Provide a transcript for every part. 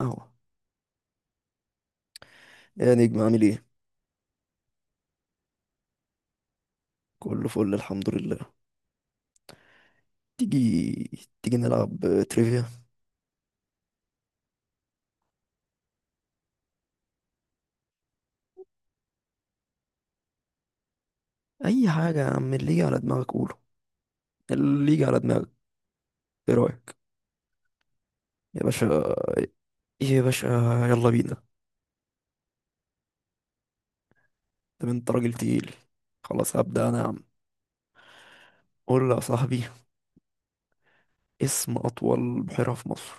اهو، يا نجم، عامل ايه؟ كله فل، الحمد لله. تيجي تيجي نلعب تريفيا. اي حاجه يا عم، اللي يجي على دماغك قوله. اللي يجي على دماغك، ايه رايك؟ يا باشا، ايه يا باشا، يلا بينا. طب انت راجل تقيل. خلاص هبدا انا يا عم. قول لي يا صاحبي، اسم اطول بحيره في مصر.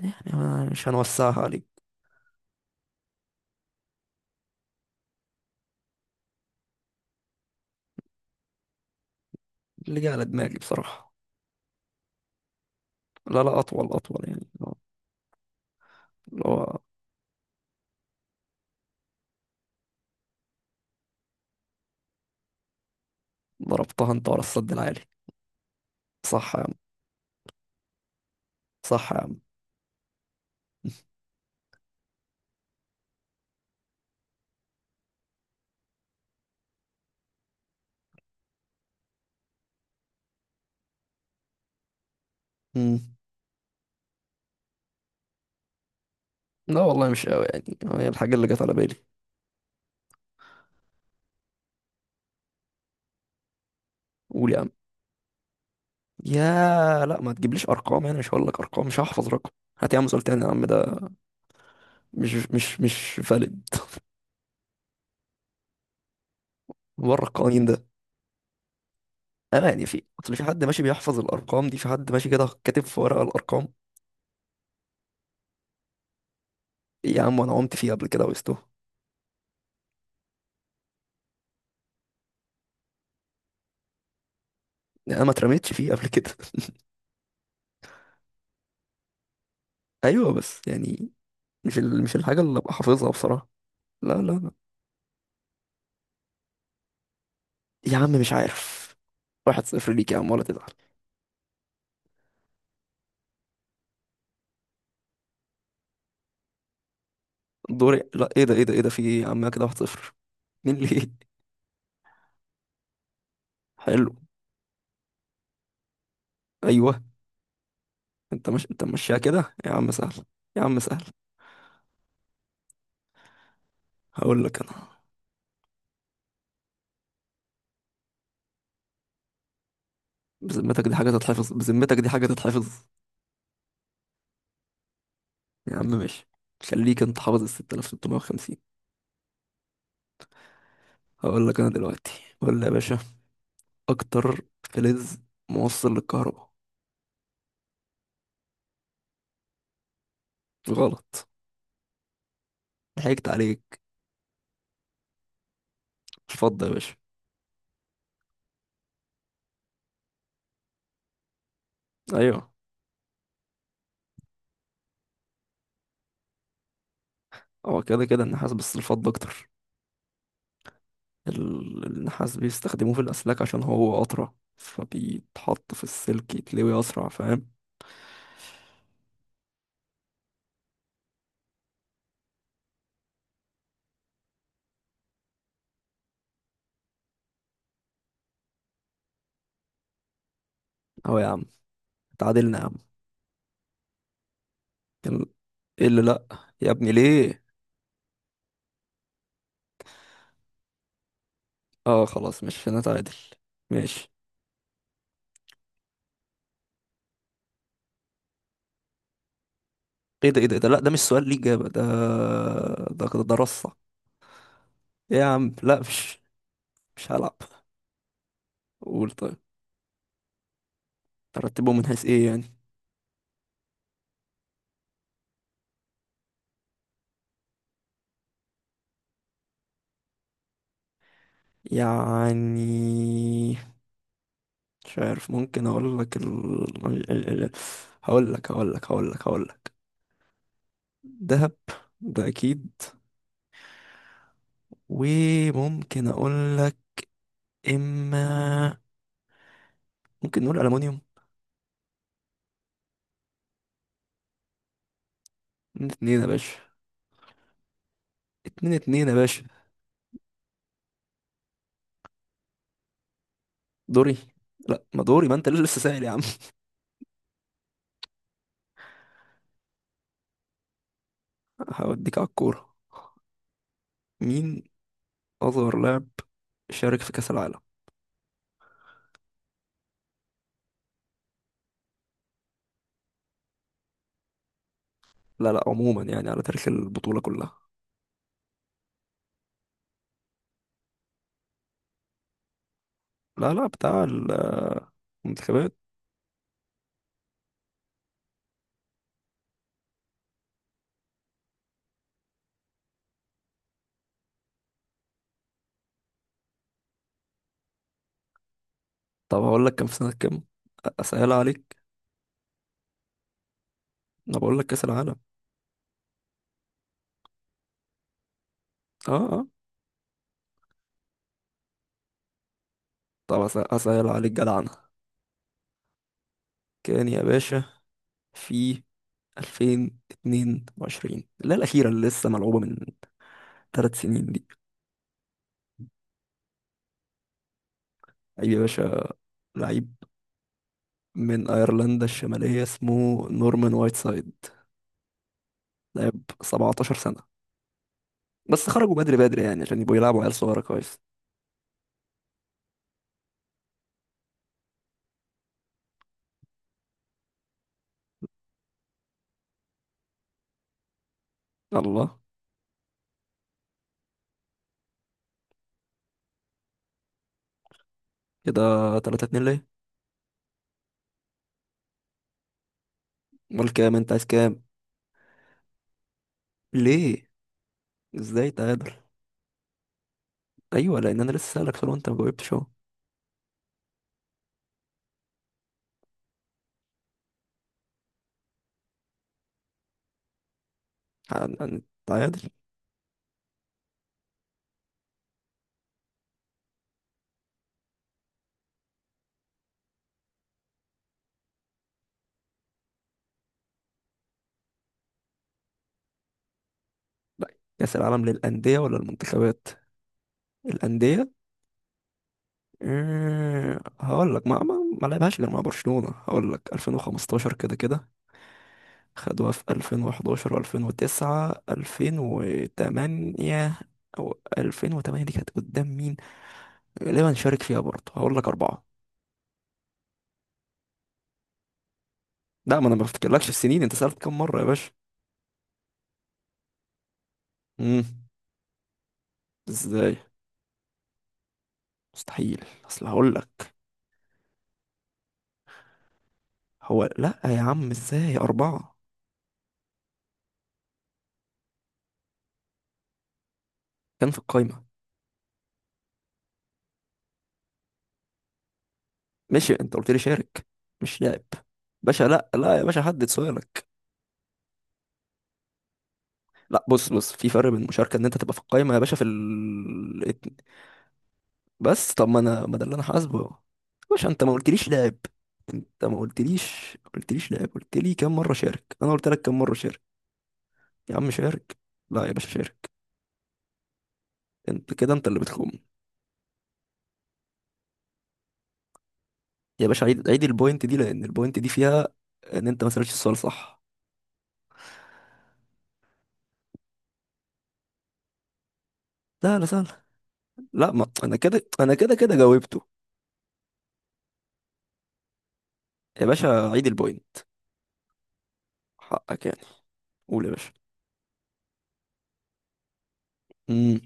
يعني أنا مش هنوسعها عليك. اللي جه على دماغي بصراحه. لا لا، اطول اطول يعني، اللي هو ضربتها انت ورا السد العالي. صح يا عم، صح يا عم. مم. لا والله، مش قوي يعني، هي الحاجة اللي جت على بالي. قول يا عم. يا لا، ما تجيبليش ارقام، يعني مش هقول لك ارقام، مش هحفظ رقم. هات يا عم سؤال تاني يا عم، ده مش فالid، بره القوانين ده. انا يعني، في اصل، في حد ماشي بيحفظ الارقام دي؟ في حد ماشي كده كاتب في ورقة الارقام؟ إيه يا عم، انا قمت فيه قبل كده وسته، يعني انا ما اترميتش فيه قبل كده. ايوه بس يعني، مش الحاجة اللي ابقى حافظها بصراحة. لا لا لا. يا عم مش عارف. 1-0 ليك يا عم، ولا تزعل. دوري؟ لا، ايه ده ايه ده, ايه ده، في ايه يا عم كده 1-0؟ مين ليه؟ حلو. ايوه. انت مش انت ماشيها كده يا عم سهل، يا عم سهل. هقول لك انا. بذمتك دي حاجه تتحفظ؟ بذمتك دي حاجه تتحفظ؟ يا عم ماشي، خليك انت حافظ ال 6,650. هقول لك انا دلوقتي. قول لي يا باشا. اكتر فلز موصل للكهرباء. غلط، ضحكت عليك، الفضه يا باشا. ايوه، هو كده كده النحاس، بس الفضه اكتر. النحاس بيستخدموه في الاسلاك عشان هو اطرى، فبيتحط في السلك يتلوي اسرع، فاهم؟ اهو يا عم، تعادلنا يا عم. كان. ايه اللي لا؟ يا ابني ليه؟ اه خلاص، مش هنتعادل. ماشي. ايه ده ايه ده, إيه ده، لا، ده مش سؤال ليه اجابه، ده ده رصه. إيه يا عم لا مش، مش هلعب. قول طيب. ترتبهم من حيث ايه يعني؟ يعني مش عارف، ممكن اقول لك ال... ال... ال... هقول لك دهب، ده اكيد، وممكن اقول لك، اما ممكن نقول المونيوم. 2-2 يا باشا، 2-2 يا باشا. دوري؟ لا، ما دوري، ما انت اللي لسه سائل يا عم. هوديك على الكورة. مين أصغر لاعب شارك في كأس العالم؟ لا لا، عموما يعني، على تاريخ البطولة كلها. لا لا، بتاع المنتخبات. طب هقول لك كان في سنة كام، أسهل عليك. أنا بقول لك كأس العالم. اه اه. طب أسهل عليك جدعنة. كان يا باشا في 2022، لا، الأخيرة اللي لسه ملعوبة من 3 سنين دي. أي يا باشا لعيب. من أيرلندا الشمالية، اسمه نورمان وايت سايد. لعب 17 سنة، بس خرجوا بدري بدري يعني، عشان يبقوا يلعبوا عيال صغيرة كويس. الله. كده 3-2، ليه؟ امال كام؟ انت عايز كام؟ ليه؟ ازاي تعادل؟ ايوه، لان انا لسه سألك سؤال وانت ما جاوبتش اهو. تعادل؟ لا، كأس العالم للأندية ولا المنتخبات؟ الأندية. هقول لك ما لعبهاش غير مع برشلونة، هقول لك 2015 كده كده. خدوها في 2011 و2009 2008، او 2008 دي كانت قدام مين؟ غالبا شارك فيها برضه، هقول لك أربعة. لا، ما أنا ما بفتكرلكش السنين، أنت سألت كم مرة يا باشا. امم إزاي؟ مستحيل، أصل هقول لك، هو، لا يا عم، إزاي أربعة؟ كان في القايمة. ماشي، أنت قلت لي شارك، مش لاعب. باشا، لا لا يا باشا، حدد سؤالك. لا، بص بص، في فرق بين المشاركة إن أنت تبقى في القايمة يا باشا، في ال بس طب، ما أنا ما، ده اللي أنا حاسبه. باشا أنت ما قلتليش لاعب. أنت ما قلتليش لاعب، قلت لي كم مرة شارك، أنا قلت لك كم مرة شارك. يا عم شارك. لا يا باشا، شارك. انت كده، انت اللي بتخم. يا باشا، عيد البوينت دي، لان البوينت دي فيها ان انت ما سالتش السؤال صح. سهلة سهلة. لا، ما انا كده، انا كده كده جاوبته. يا باشا، عيد البوينت. حقك يعني. قول يا باشا. امم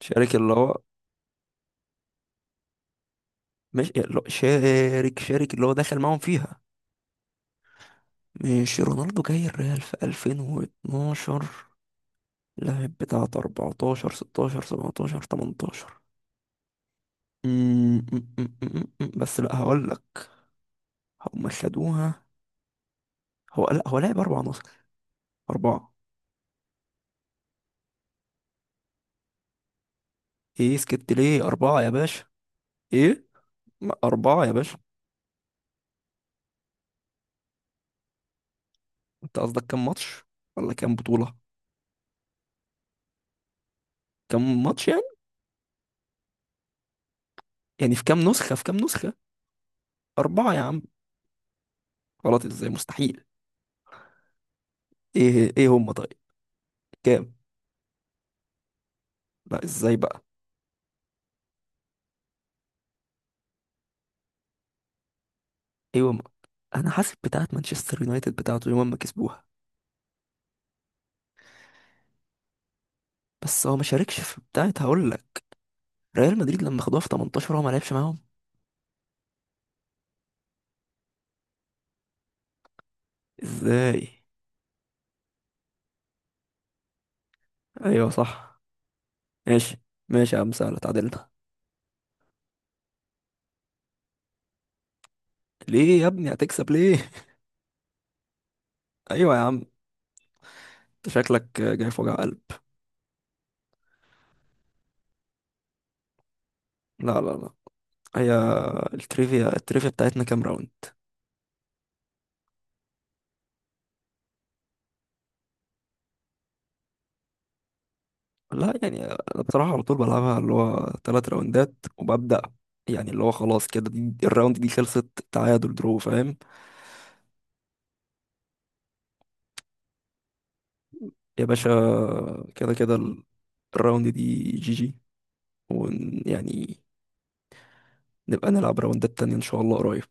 شارك اللي هو، مش اللي هو- شارك اللي هو دخل معاهم فيها. مش رونالدو جاي الريال في 2012، لاعب بتاعت 14 16 17 18. أمم، أمم، أمم، أمم. بس لا هقول لك، هم خدوها. هو، لا هو لعب اربع عناصر. أربعة. إيه سكت ليه أربعة يا باشا؟ إيه؟ ما أربعة يا باشا. أنت قصدك كام ماتش، ولا كام بطولة؟ كام ماتش يعني. يعني في كام نسخة، في كام نسخة. أربعة يا عم. غلط. إزاي مستحيل. إيه إيه هم طيب. كام. لا، إزاي بقى. إيه هم. أنا حاسب بتاعة مانشستر يونايتد، بتاعته يوم ما كسبوها. بس هو ما شاركش في بتاعة، هقول لك ريال مدريد لما خدوها في 18 هو ما لعبش معاهم. إزاي؟ أيوه صح. ماشي، ماشي يا عم سهلة، اتعادلنا. ليه يا ابني، هتكسب ليه؟ ايوه يا عم، انت شكلك جاي في وجع قلب. لا لا لا. هي. التريفيا التريفيا بتاعتنا كام راوند؟ لا، يعني انا بصراحه على طول بلعبها اللي هو 3 راوندات وببدا، يعني اللي هو خلاص كده، دي الراوند دي خلصت تعادل درو، فاهم؟ يا باشا، كده كده الراوند دي جي جي، ويعني نبقى نلعب راوندات تانية ان شاء الله قريب.